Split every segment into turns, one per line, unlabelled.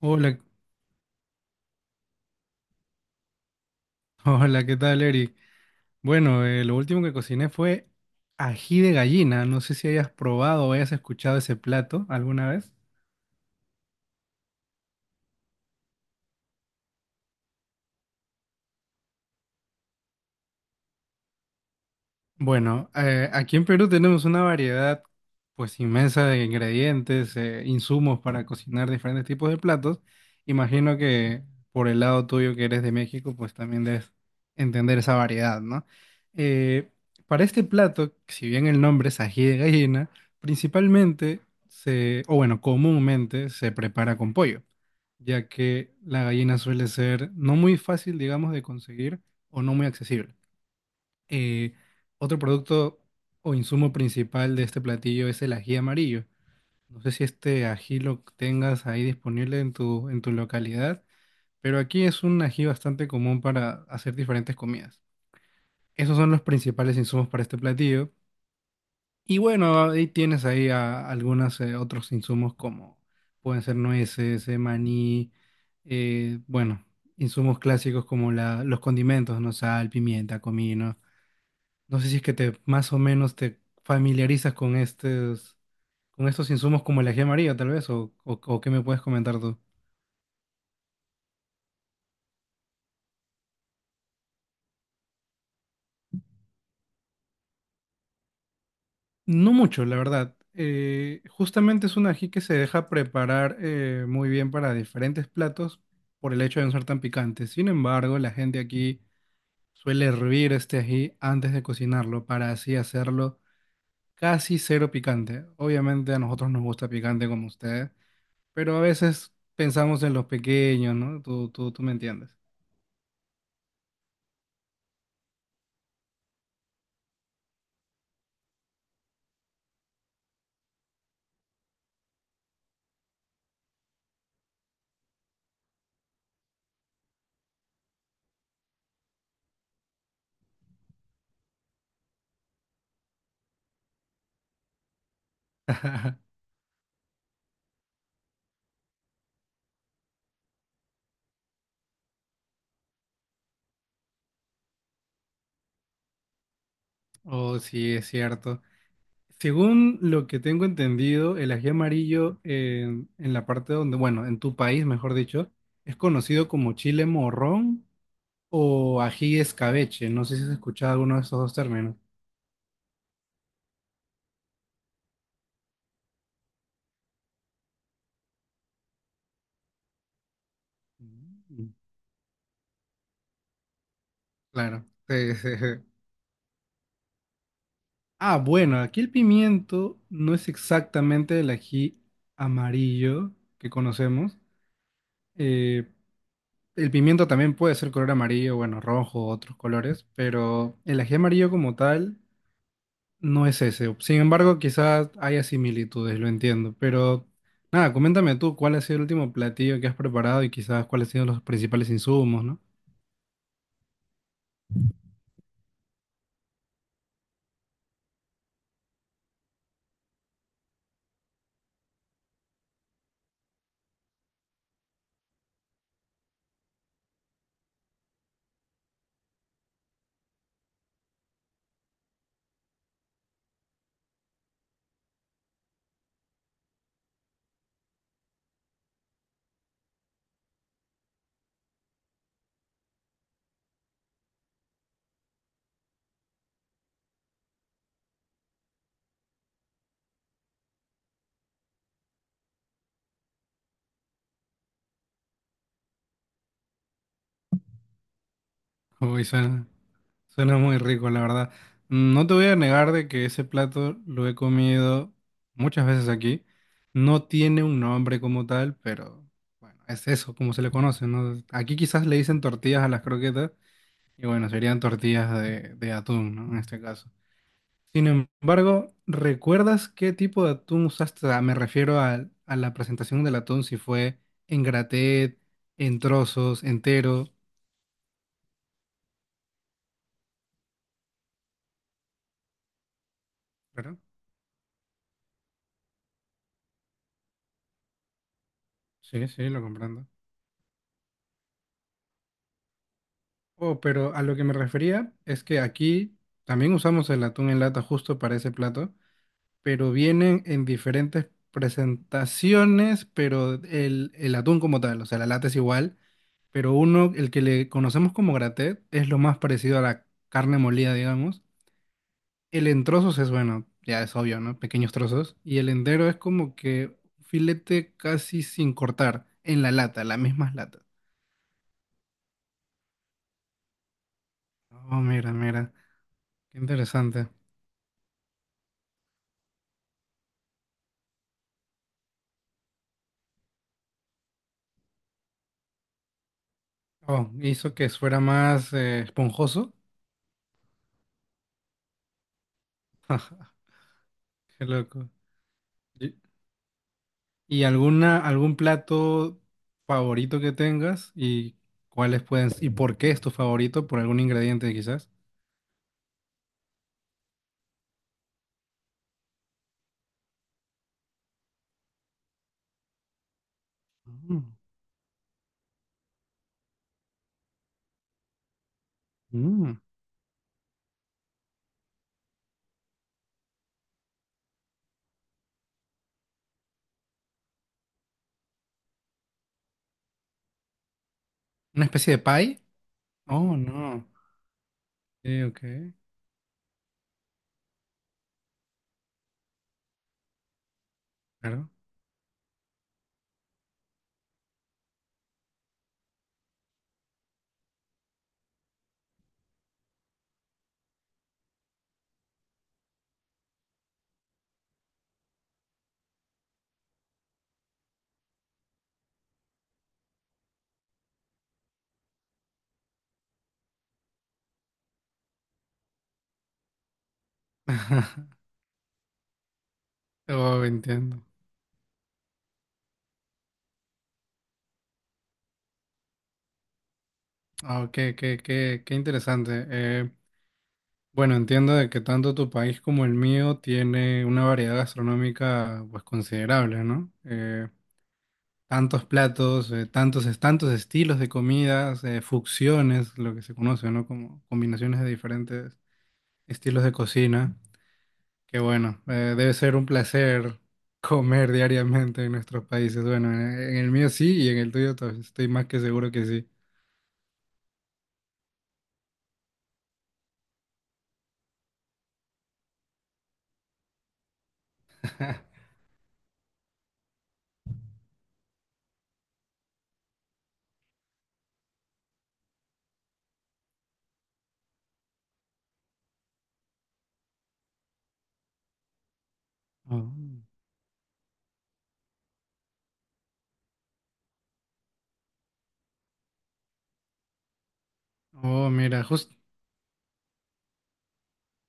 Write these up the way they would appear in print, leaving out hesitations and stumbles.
Hola, hola, ¿qué tal, Eric? Bueno, lo último que cociné fue ají de gallina. No sé si hayas probado o hayas escuchado ese plato alguna vez. Bueno, aquí en Perú tenemos una variedad pues inmensa de ingredientes, insumos para cocinar diferentes tipos de platos. Imagino que por el lado tuyo que eres de México, pues también debes entender esa variedad, ¿no? Eh, para este plato, si bien el nombre es ají de gallina, principalmente comúnmente se prepara con pollo, ya que la gallina suele ser no muy fácil, digamos, de conseguir o no muy accesible. Eh, Otro producto o insumo principal de este platillo es el ají amarillo. No sé si este ají lo tengas ahí disponible en en tu localidad, pero aquí es un ají bastante común para hacer diferentes comidas. Esos son los principales insumos para este platillo. Y bueno, ahí tienes ahí a- algunos otros insumos como pueden ser nueces, maní, bueno, insumos clásicos como los condimentos, ¿no? Sal, pimienta, comino. No sé si es que te más o menos te familiarizas con con estos insumos como el ají amarillo, tal vez, o qué me puedes comentar tú. No mucho, la verdad. Justamente es un ají que se deja preparar muy bien para diferentes platos por el hecho de no ser tan picante. Sin embargo, la gente aquí suele hervir este ají antes de cocinarlo para así hacerlo casi cero picante. Obviamente a nosotros nos gusta picante como ustedes, pero a veces pensamos en los pequeños, ¿no? Tú, tú me entiendes. Oh, sí, es cierto. Según lo que tengo entendido, el ají amarillo en la parte donde, bueno, en tu país, mejor dicho, es conocido como chile morrón o ají escabeche. No sé si has escuchado alguno de esos dos términos. Mm. Claro. Sí, sí, sí. Ah, bueno, aquí el pimiento no es exactamente el ají amarillo que conocemos, eh, el pimiento también puede ser color amarillo, bueno, rojo, otros colores, pero el ají amarillo como tal no es ese. Sin embargo, quizás haya similitudes, lo entiendo. Pero nada, coméntame tú cuál ha sido el último platillo que has preparado y quizás cuáles han sido los principales insumos, ¿no? Uy, suena muy rico, la verdad. Mm, no te voy a negar de que ese plato lo he comido muchas veces aquí. No tiene un nombre como tal, pero bueno, es eso, como se le conoce, ¿no? Aquí quizás le dicen tortillas a las croquetas. Y bueno, serían tortillas de atún, ¿no? En este caso. Sin embargo, ¿recuerdas qué tipo de atún usaste? Ah, me refiero a la presentación del atún, si fue en graté, en trozos, entero. Claro. Sí, sí, lo comprendo. Oh, pero a lo que me refería es que aquí también usamos el atún en lata justo para ese plato, pero vienen en diferentes presentaciones, pero el atún como tal, o sea, la lata es igual, pero uno, el que le conocemos como gratet, es lo más parecido a la carne molida, digamos. El en trozos es bueno, ya es obvio, ¿no? Pequeños trozos. Y el entero es como que un filete casi sin cortar, en la lata, las mismas latas. Oh, mira, mira, qué interesante. Oh, hizo que fuera más esponjoso. Qué loco. ¿Y alguna, algún plato favorito que tengas? ¿Y cuáles pueden, y por qué es tu favorito? ¿Por algún ingrediente quizás? Mm. Mm, ¿una especie de pie? Oh, no. Sí, ok, claro. Oh, entiendo. Ah, qué interesante. Bueno, entiendo de que tanto tu país como el mío tiene una variedad gastronómica pues considerable, ¿no? Tantos platos, tantos estilos de comidas, fusiones, lo que se conoce, ¿no? Como combinaciones de diferentes estilos de cocina. Qué bueno, debe ser un placer comer diariamente en nuestros países. Bueno, en el mío sí y en el tuyo estoy más que seguro que sí. Oh, oh, mira, justo...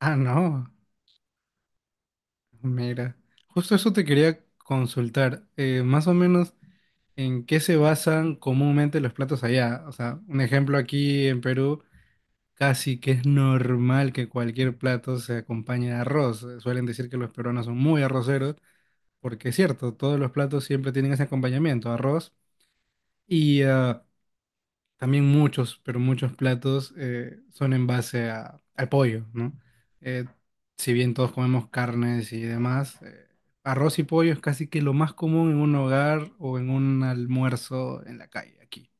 Ah, no, mira. Justo eso te quería consultar. Más o menos, ¿en qué se basan comúnmente los platos allá? O sea, un ejemplo aquí en Perú, casi que es normal que cualquier plato se acompañe de arroz. Suelen decir que los peruanos son muy arroceros, porque es cierto, todos los platos siempre tienen ese acompañamiento, arroz, y ah, también muchos, pero muchos platos son en base al pollo, ¿no? Eh, si bien todos comemos carnes y demás, arroz y pollo es casi que lo más común en un hogar o en un almuerzo en la calle aquí.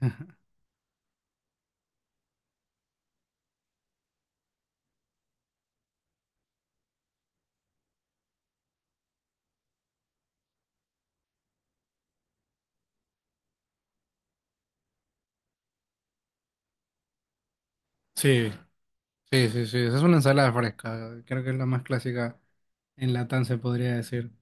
Sí, sí, sí, esa es una ensalada fresca, creo que es la más clásica en Latam se podría decir.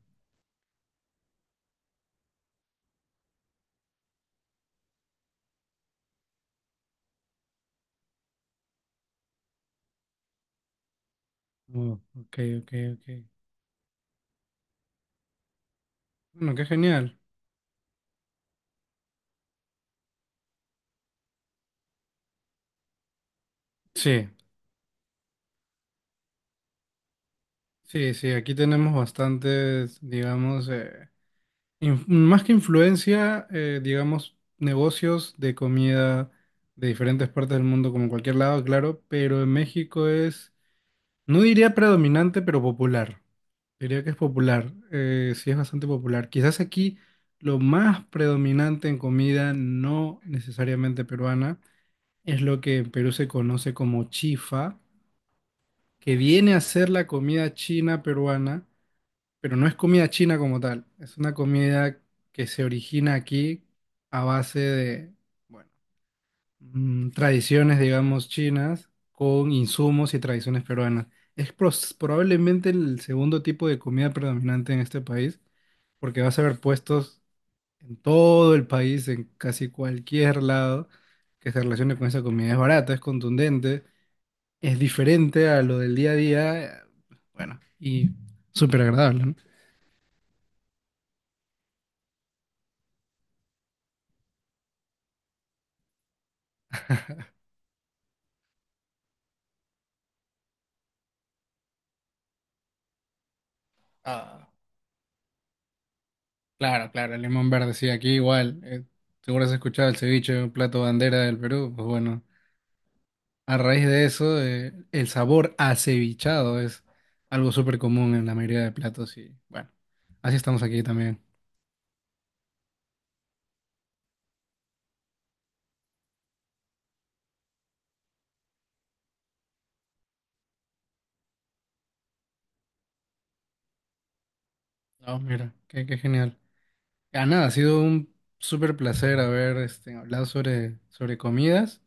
Oh, ok, ok, ok. Bueno, qué genial. Sí, sí, sí, aquí tenemos bastantes, digamos, más que influencia, digamos, negocios de comida de diferentes partes del mundo, como en cualquier lado, claro, pero en México es, no diría predominante, pero popular. Diría que es popular, sí es bastante popular. Quizás aquí lo más predominante en comida, no necesariamente peruana, es lo que en Perú se conoce como chifa, que viene a ser la comida china peruana, pero no es comida china como tal. Es una comida que se origina aquí a base de, bueno, tradiciones, digamos, chinas con insumos y tradiciones peruanas. Es probablemente el segundo tipo de comida predominante en este país, porque vas a ver puestos en todo el país, en casi cualquier lado que se relacione con esa comida. Es barata, es contundente, es diferente a lo del día a día, bueno, y súper agradable, ¿no? Claro, claro, el limón verde, sí, aquí igual. Seguro has escuchado el ceviche, un plato bandera del Perú. Pues bueno, a raíz de eso, el sabor acevichado es algo súper común en la mayoría de platos y bueno, así estamos aquí también. Oh, mira, qué genial. Ah, nada, ha sido un súper placer haber este, hablado sobre comidas.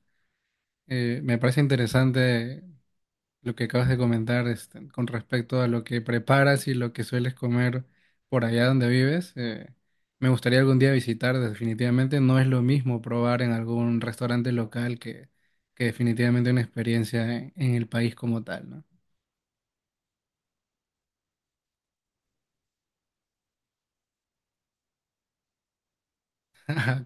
Me parece interesante lo que acabas de comentar este, con respecto a lo que preparas y lo que sueles comer por allá donde vives. Me gustaría algún día visitar, definitivamente no es lo mismo probar en algún restaurante local que definitivamente una experiencia en el país como tal, ¿no? Cosa